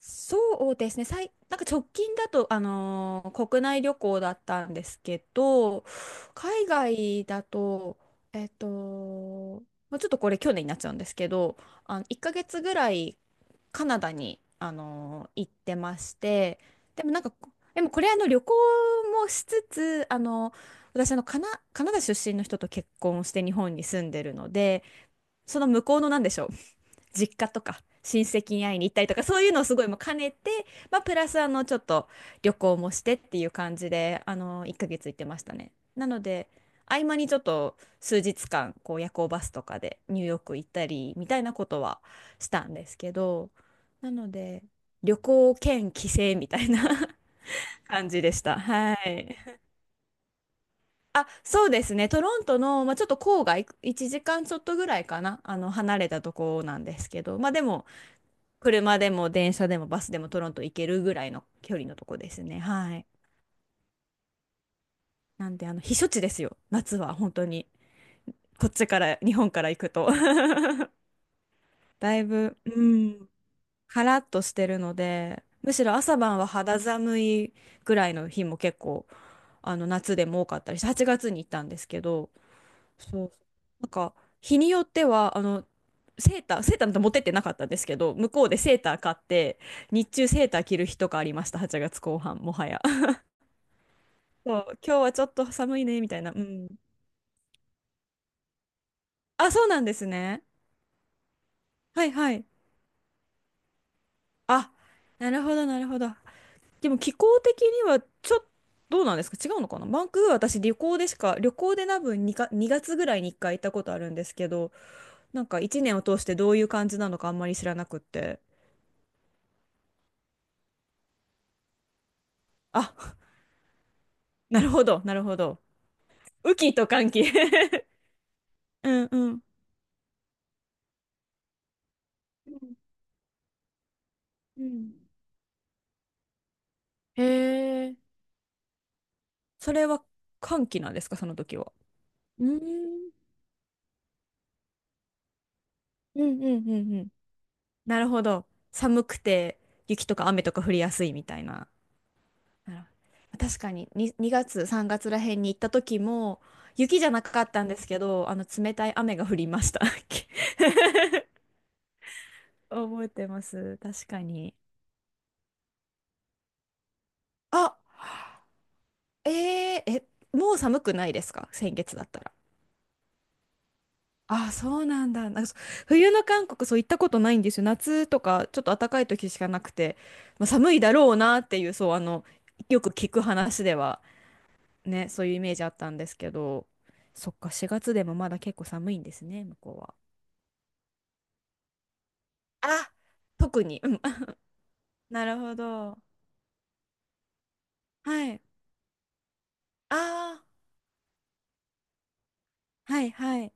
そうですね、なんか直近だと、国内旅行だったんですけど、海外だと、もうちょっとこれ去年になっちゃうんですけど、1ヶ月ぐらいカナダに、行ってまして、でもなんか、でもこれあの旅行もしつつ、あの私あのカナダ出身の人と結婚して日本に住んでるので、その向こうのなんでしょう、実家とか親戚に会いに行ったりとかそういうのをすごいもう兼ねて、まあ、プラスあのちょっと旅行もしてっていう感じであの1ヶ月行ってましたね。なので合間にちょっと数日間こう夜行バスとかでニューヨーク行ったりみたいなことはしたんですけど、なので旅行兼帰省みたいな 感じでした。はい。あ、そうですね。トロントの、まあ、ちょっと郊外、1時間ちょっとぐらいかな、あの、離れたとこなんですけど、まあでも、車でも電車でもバスでもトロント行けるぐらいの距離のとこですね。はい。なんで、あの、避暑地ですよ。夏は本当に。こっちから、日本から行くと だいぶ、うん、カラッとしてるので、むしろ朝晩は肌寒いぐらいの日も結構、あの、夏でも多かったりして、8月に行ったんですけど、そう。なんか、日によっては、あの、セーターなんて持ってってなかったんですけど、向こうでセーター買って、日中セーター着る日とかありました、8月後半、もはや。そう、今日はちょっと寒いね、みたいな。うん。あ、そうなんですね。はいはい。あ、なるほど。でも気候的にはちょっと、どうなんですか、違うのかな、バンクーバー私旅行でしか、旅行で多分にか、2月ぐらいに1回行ったことあるんですけど、なんか1年を通してどういう感じなのかあんまり知らなくって。あ、なるほど。雨季と乾季 うんうん。うんうんへえ。それは寒気なんですかその時は。うーん。うんうんうんうん。なるほど。寒くて雪とか雨とか降りやすいみたいな。なるほど、確かにに2、月、3月らへんに行った時も雪じゃなかったんですけど、あの冷たい雨が降りました。覚えてます。確かに。あ、えー、え、もう寒くないですか、先月だったら。あ、そうなんだ。なんかそ冬の韓国そう行ったことないんですよ。夏とかちょっと暖かい時しかなくて、まあ、寒いだろうなっていう、そう、あの、よく聞く話ではね、そういうイメージあったんですけど、そっか、4月でもまだ結構寒いんですね、向こうは。あ、特に。うん、あ、なるほど。はい、ああ、はい、はい。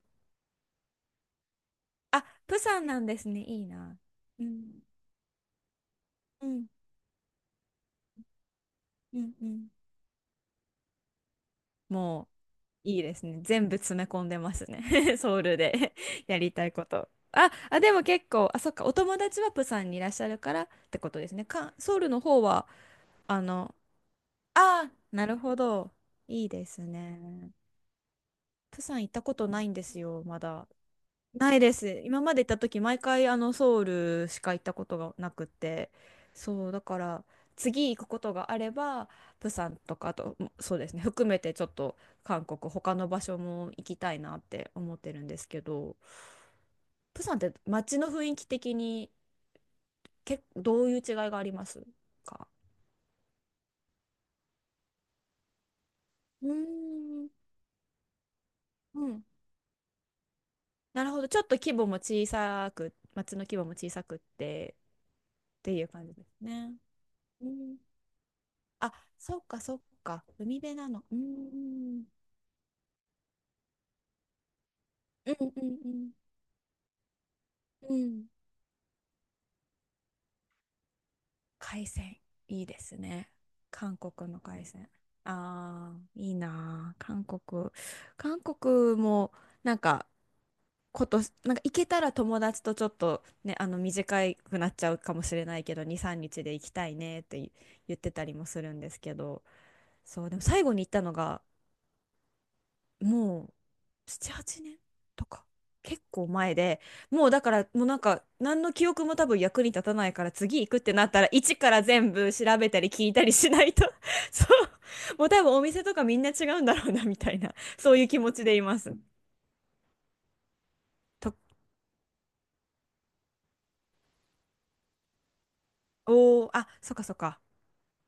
あ、プサンなんですね。いいな。うん、うん、うん、うん。もう、いいですね。全部詰め込んでますね。ソウルで やりたいこと。あ、あ、でも結構、あ、そっか、お友達はプサンにいらっしゃるからってことですね。か、ソウルの方は、あの、ああ、なるほど。いいですね。プサン行ったことないんですよ、まだ。ないです。今まで行った時、毎回あのソウルしか行ったことがなくて、そう、だから次行くことがあれば、プサンとか、あと、そうですね、含めてちょっと韓国、他の場所も行きたいなって思ってるんですけど、プサンって街の雰囲気的に、け、どういう違いがありますか。うーん、うん。なるほど、ちょっと規模も小さく、街の規模も小さくってっていう感じですね。うん、あ、そっかそっか。海辺なの。うーん。うんうんうん。うん。海鮮。いいですね。韓国の海鮮。ああ、いいなあ韓国。韓国も、なんか、こと、なんか行けたら友達とちょっとね、あの、短くなっちゃうかもしれないけど、2、3日で行きたいねって言ってたりもするんですけど、そう、でも最後に行ったのが、もう7、8年とか。結構前で、もうだから、もうなんか、何の記憶も多分役に立たないから、次行くってなったら、一から全部調べたり聞いたりしないと そう。もう多分お店とかみんな違うんだろうな、みたいな、そういう気持ちでいます。と、おー、あ、そっかそっか。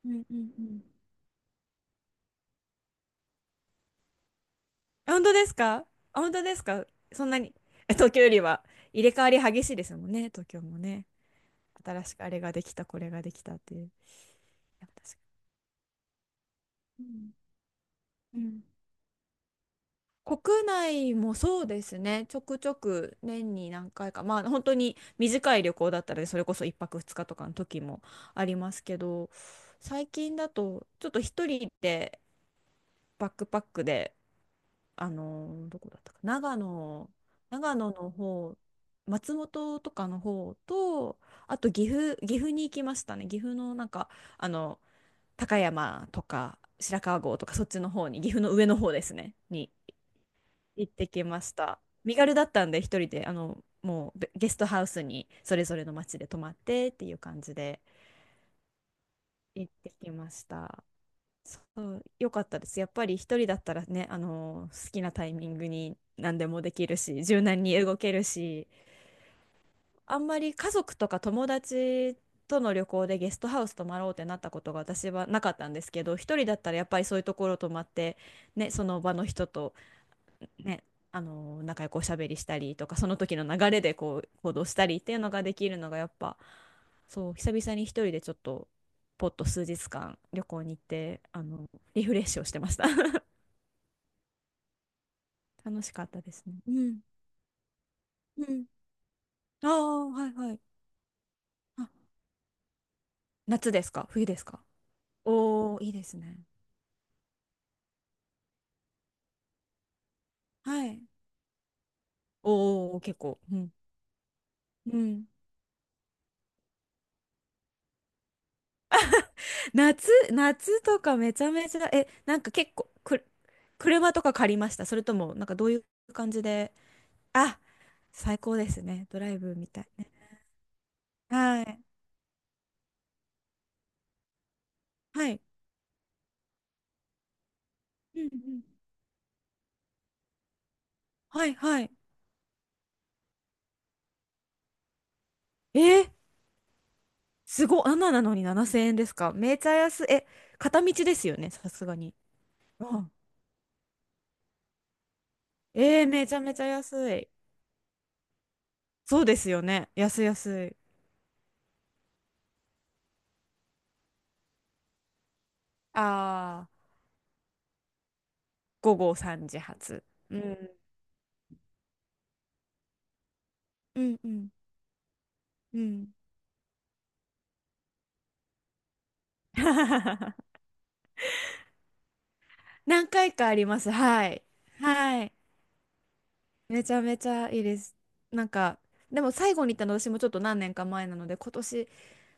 うんうんうん。あ、本当ですか。あ、本当ですか。そんなに。え、東京よりは入れ替わり激しいですもんね、東京もね。新しくあれができた、これができたっていう。いや、確かに。うんうん。国内もそうですね、ちょくちょく年に何回か、まあ本当に短い旅行だったら、それこそ1泊2日とかの時もありますけど、最近だと、ちょっと一人でバックパックで、どこだったか、長野、長野の方、松本とかの方と、あと岐阜に行きましたね。岐阜のなんか、あの、高山とか白川郷とか、そっちの方に、岐阜の上の方ですね、に行ってきました。身軽だったんで、一人で、あの、もうゲストハウスにそれぞれの町で泊まってっていう感じで行ってきました。そう、よかったです。やっぱり一人だったらね、あの、好きなタイミングに何でもできるし、柔軟に動けるし、あんまり家族とか友達との旅行でゲストハウス泊まろうってなったことが私はなかったんですけど、一人だったらやっぱりそういうところ泊まって、ね、その場の人と。ね、あの仲良くおしゃべりしたりとかその時の流れでこう行動したりっていうのができるのがやっぱ、そう、久々に一人でちょっとポッと数日間旅行に行ってあのリフレッシュをしてました。 楽しかったですね。うんうんああーはいはい。あ、夏ですか、冬ですか。おおー、いいですね。はい。おおー結構うんうん夏夏とかめちゃめちゃえなんか結構く車とか借りましたそれともなんかどういう感じで。あ、最高ですね。ドライブみたいね。はい。はい。うんうん。はいはい。えー、すごい。あんななのに7000円ですか。めちゃ安い。え、片道ですよね、さすがに。うん。えー、めちゃめちゃ安い。そうですよね。安い安い。ああ、午後3時発。うん。うんうんうん。何回かあります。はい。はい。めちゃめちゃいいです。なんか、でも最後に行ったの私もちょっと何年か前なので、今年、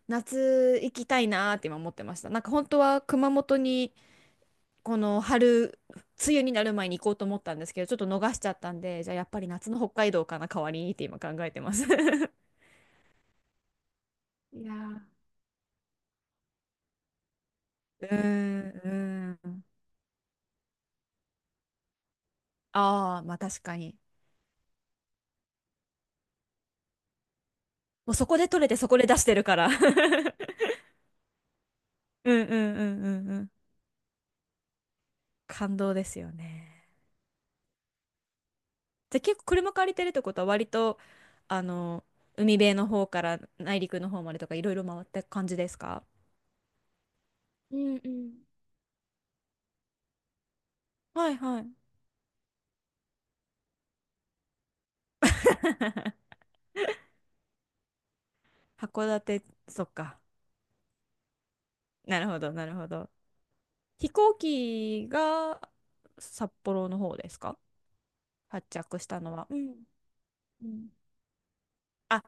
夏行きたいなーって今思ってました。なんか本当は熊本にこの春、梅雨になる前に行こうと思ったんですけど、ちょっと逃しちゃったんで、じゃあやっぱり夏の北海道かな、代わりにって今考えてます。いやー、ーん、うーん。ああ、まあ確かに。もうそこで取れてそこで出してるから。うんうんうんうんうん。感動ですよね。じゃあ結構車借りてるってことは割と、あの、海辺の方から内陸の方までとかいろいろ回った感じですか。うんうん。はいはい。函館、そっか。なるほど。飛行機が札幌の方ですか、発着したのは。うん。うん。あ、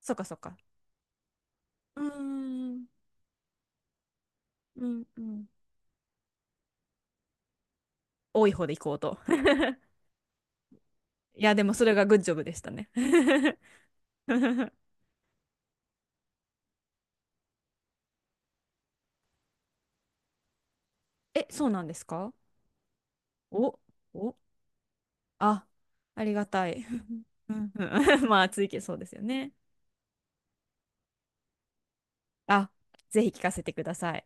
そっかそっか。うーん。うん。うん。多い方で行こうと。いや、でもそれがグッジョブでしたね。え、そうなんですか。お、お、あ、ありがたい。うんうん まあ、ついけそうですよね。あ、ぜひ聞かせてください。